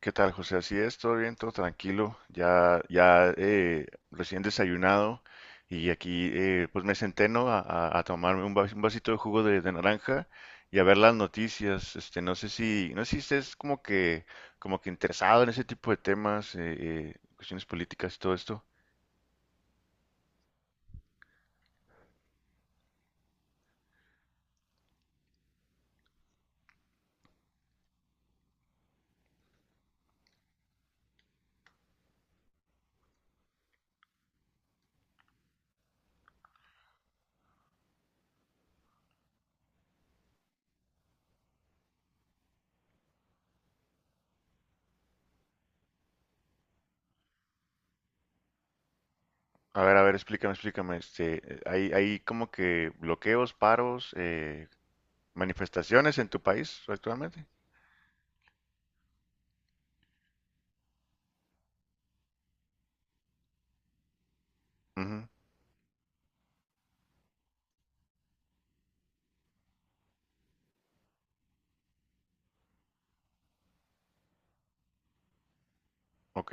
¿Qué tal, José? Así es, todo bien, todo tranquilo. Ya, recién desayunado y aquí pues me senté, ¿no? A tomarme un vasito de jugo de naranja y a ver las noticias. No sé si estés como que interesado en ese tipo de temas, cuestiones políticas y todo esto. A ver, explícame, explícame. Hay como que bloqueos, paros, manifestaciones en tu país actualmente. Ujú, ok,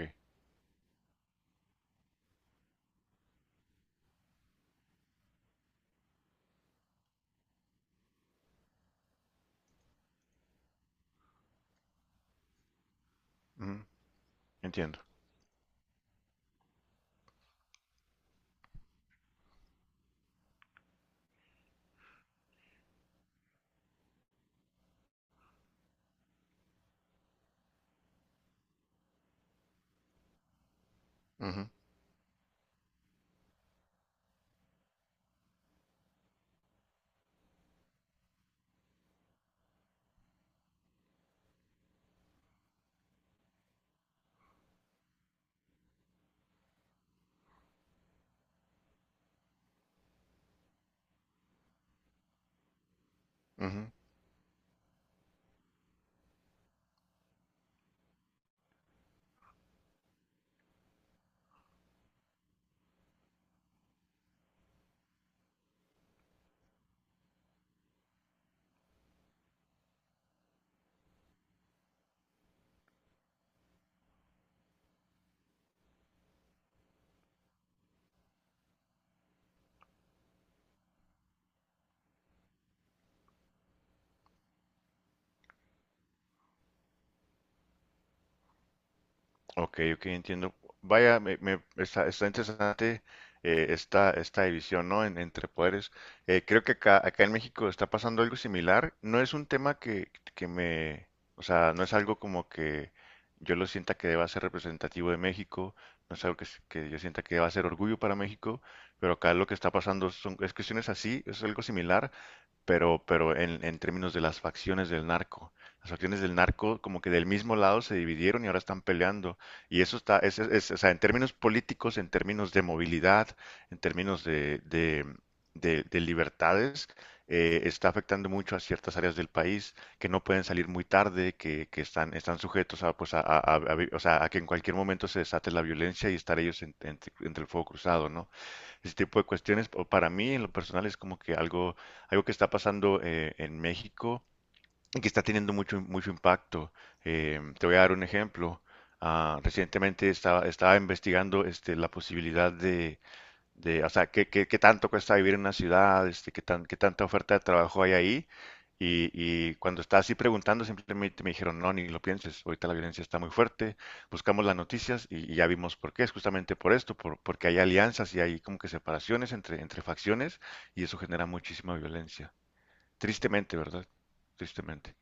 ujú, entiendo. Ujú, ujú. Ok, ok, entiendo. Vaya, está, está interesante esta división, ¿no? Entre poderes. Creo que acá en México está pasando algo similar. No es un tema o sea, no es algo como que yo lo sienta que deba ser representativo de México, no es algo que yo sienta que deba ser orgullo para México, pero acá lo que está pasando es cuestiones así, es algo similar pero en términos de las facciones del narco. Las facciones del narco, como que del mismo lado, se dividieron y ahora están peleando. Y eso está, es- o sea, en términos políticos, en términos de movilidad, en términos de libertades, está afectando mucho a ciertas áreas del país que no pueden salir muy tarde, que están, están sujetos a, o sea, a que en cualquier momento se desate la violencia y estar ellos entre el fuego cruzado, ¿no? Ese tipo de cuestiones, o para mí en lo personal es como que algo que está pasando en México y que está teniendo mucho, mucho impacto. Te voy a dar un ejemplo. Ah, recientemente estaba investigando, este, la posibilidad o sea, qué tanto cuesta vivir en una ciudad, este, qué tanta oferta de trabajo hay ahí. Y cuando estaba así preguntando, simplemente me dijeron, no, ni lo pienses, ahorita la violencia está muy fuerte, buscamos las noticias y ya vimos por qué, es justamente por esto, porque hay alianzas y hay como que separaciones entre facciones y eso genera muchísima violencia. Tristemente, ¿verdad? Tristemente.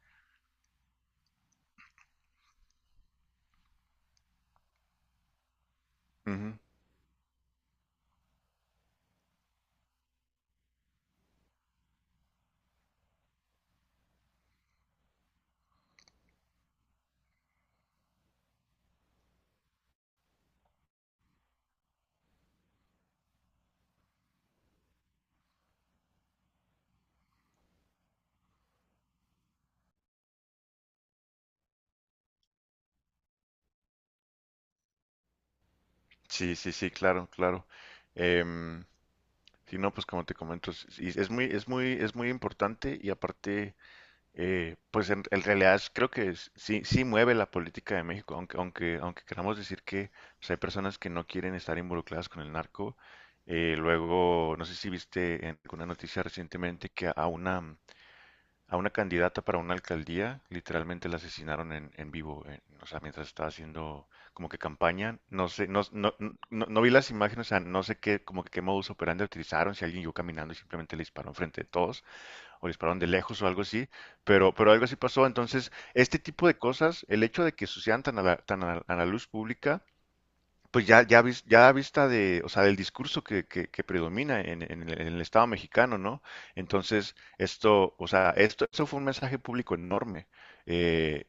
Ujú. Sí, sí, sí, claro, claro. Em, si no, pues como te comento, es, y es muy, es muy, es muy importante. Y aparte, pues en realidad creo que sí, sí mueve la política de México, aunque queramos decir que, pues, hay personas que no quieren estar involucradas con el narco. Luego, no sé si viste en alguna noticia recientemente que a a una candidata para una alcaldía literalmente la asesinaron en vivo, o sea, mientras estaba haciendo como que campaña. No sé, no, no, no, no vi las imágenes, o sea, no sé qué, como que qué modus operandi utilizaron, si alguien iba caminando y simplemente le disparó enfrente de todos o dispararon de lejos o algo así, pero algo así pasó. Entonces, este tipo de cosas, el hecho de que sucedan tan a la, a la luz pública, pues ya a vista de, o sea, del discurso que predomina en el Estado mexicano, ¿no? Entonces, esto, o sea, esto fue un mensaje público enorme, eh,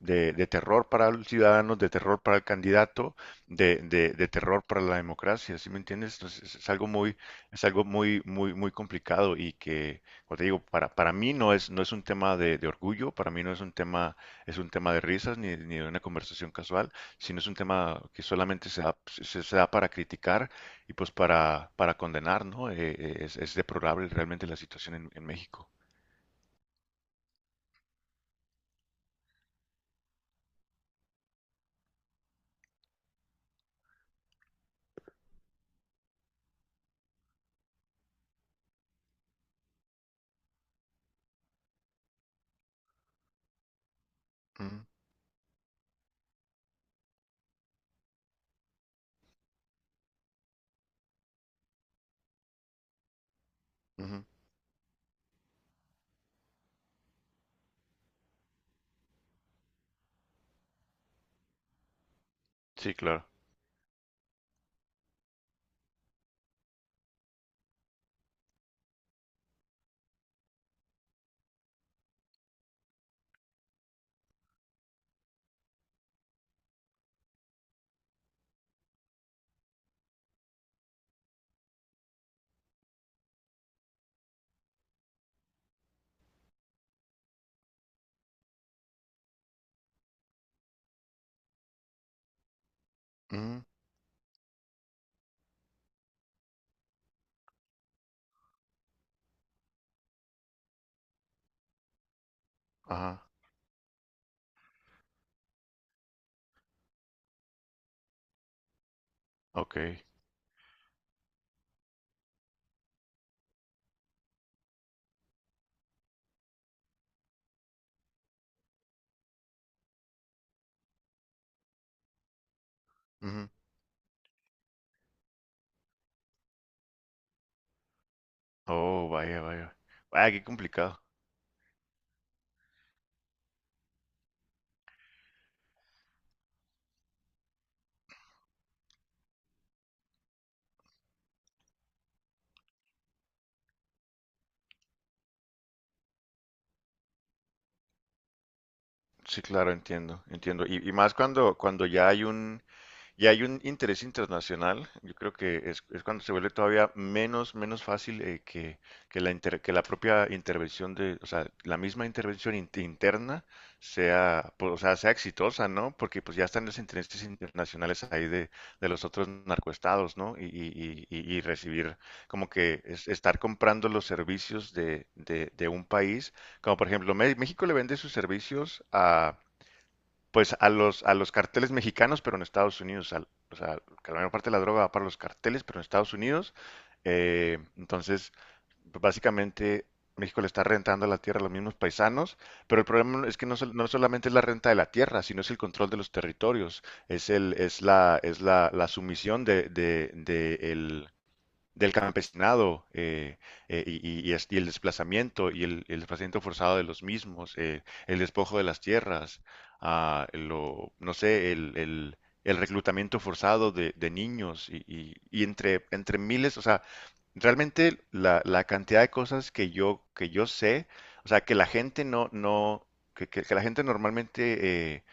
de terror para los ciudadanos, de terror para el candidato, de terror para la democracia. ¿Sí me entiendes? Entonces, es algo muy, muy, muy complicado y que, como te digo, para mí no no es un tema de orgullo, para mí no es un tema, es un tema de risas ni ni de una conversación casual, si no es un tema que solamente se da, se da para criticar y pues para condenar, ¿no? Es deplorable realmente la situación en México. Ujú, ujú. Sí, claro. Ujú, Ajá, ok. Ujú. Oh, vaya, vaya. Vaya, qué complicado. Sí, claro, entiendo, entiendo. Y más cuando, cuando ya hay y hay un interés internacional, yo creo que es cuando se vuelve todavía menos, menos fácil, que que la propia intervención de, o sea, la misma intervención interna sea, pues, o sea, sea exitosa, ¿no? Porque pues ya están los intereses internacionales ahí de los otros narcoestados, ¿no? Y recibir como que estar comprando los servicios de un país, como por ejemplo, México le vende sus servicios a, pues a a los carteles mexicanos, pero en Estados Unidos. Al- o sea, que la mayor parte de la droga va para los carteles, pero en Estados Unidos. Entonces, pues, básicamente México le está rentando la tierra a los mismos paisanos, pero el problema es que no solamente es la renta de la tierra, sino es el control de los territorios, es el, es la, la sumisión del campesinado, y el desplazamiento y desplazamiento forzado de los mismos, el despojo de las tierras, ah, lo, no sé, el reclutamiento forzado de niños y entre, entre miles, o sea, realmente la, la cantidad de cosas que yo sé, o sea, que la gente no, no, que la gente normalmente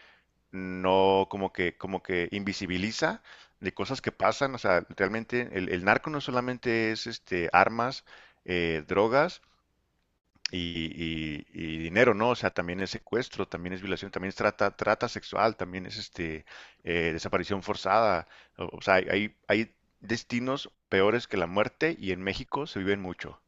no como que, como que invisibiliza de cosas que pasan. O sea, realmente el narco no solamente es este armas, drogas y dinero, ¿no? O sea, también es secuestro, también es violación, también es trata, trata sexual, también es este, desaparición forzada. O sea, hay destinos peores que la muerte y en México se viven mucho.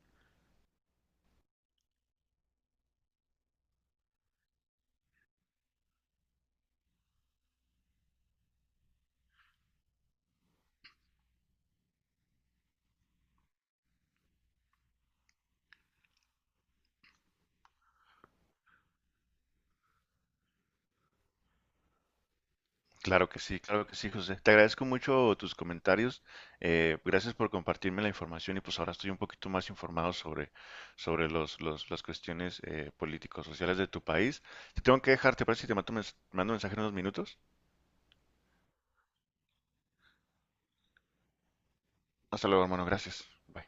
Claro que sí, José. Te agradezco mucho tus comentarios. Gracias por compartirme la información y pues ahora estoy un poquito más informado sobre las cuestiones políticos, sociales de tu país. Te tengo que dejar. ¿Te parece si te mando mando un mensaje en unos minutos? Hasta luego, hermano. Gracias. Bye.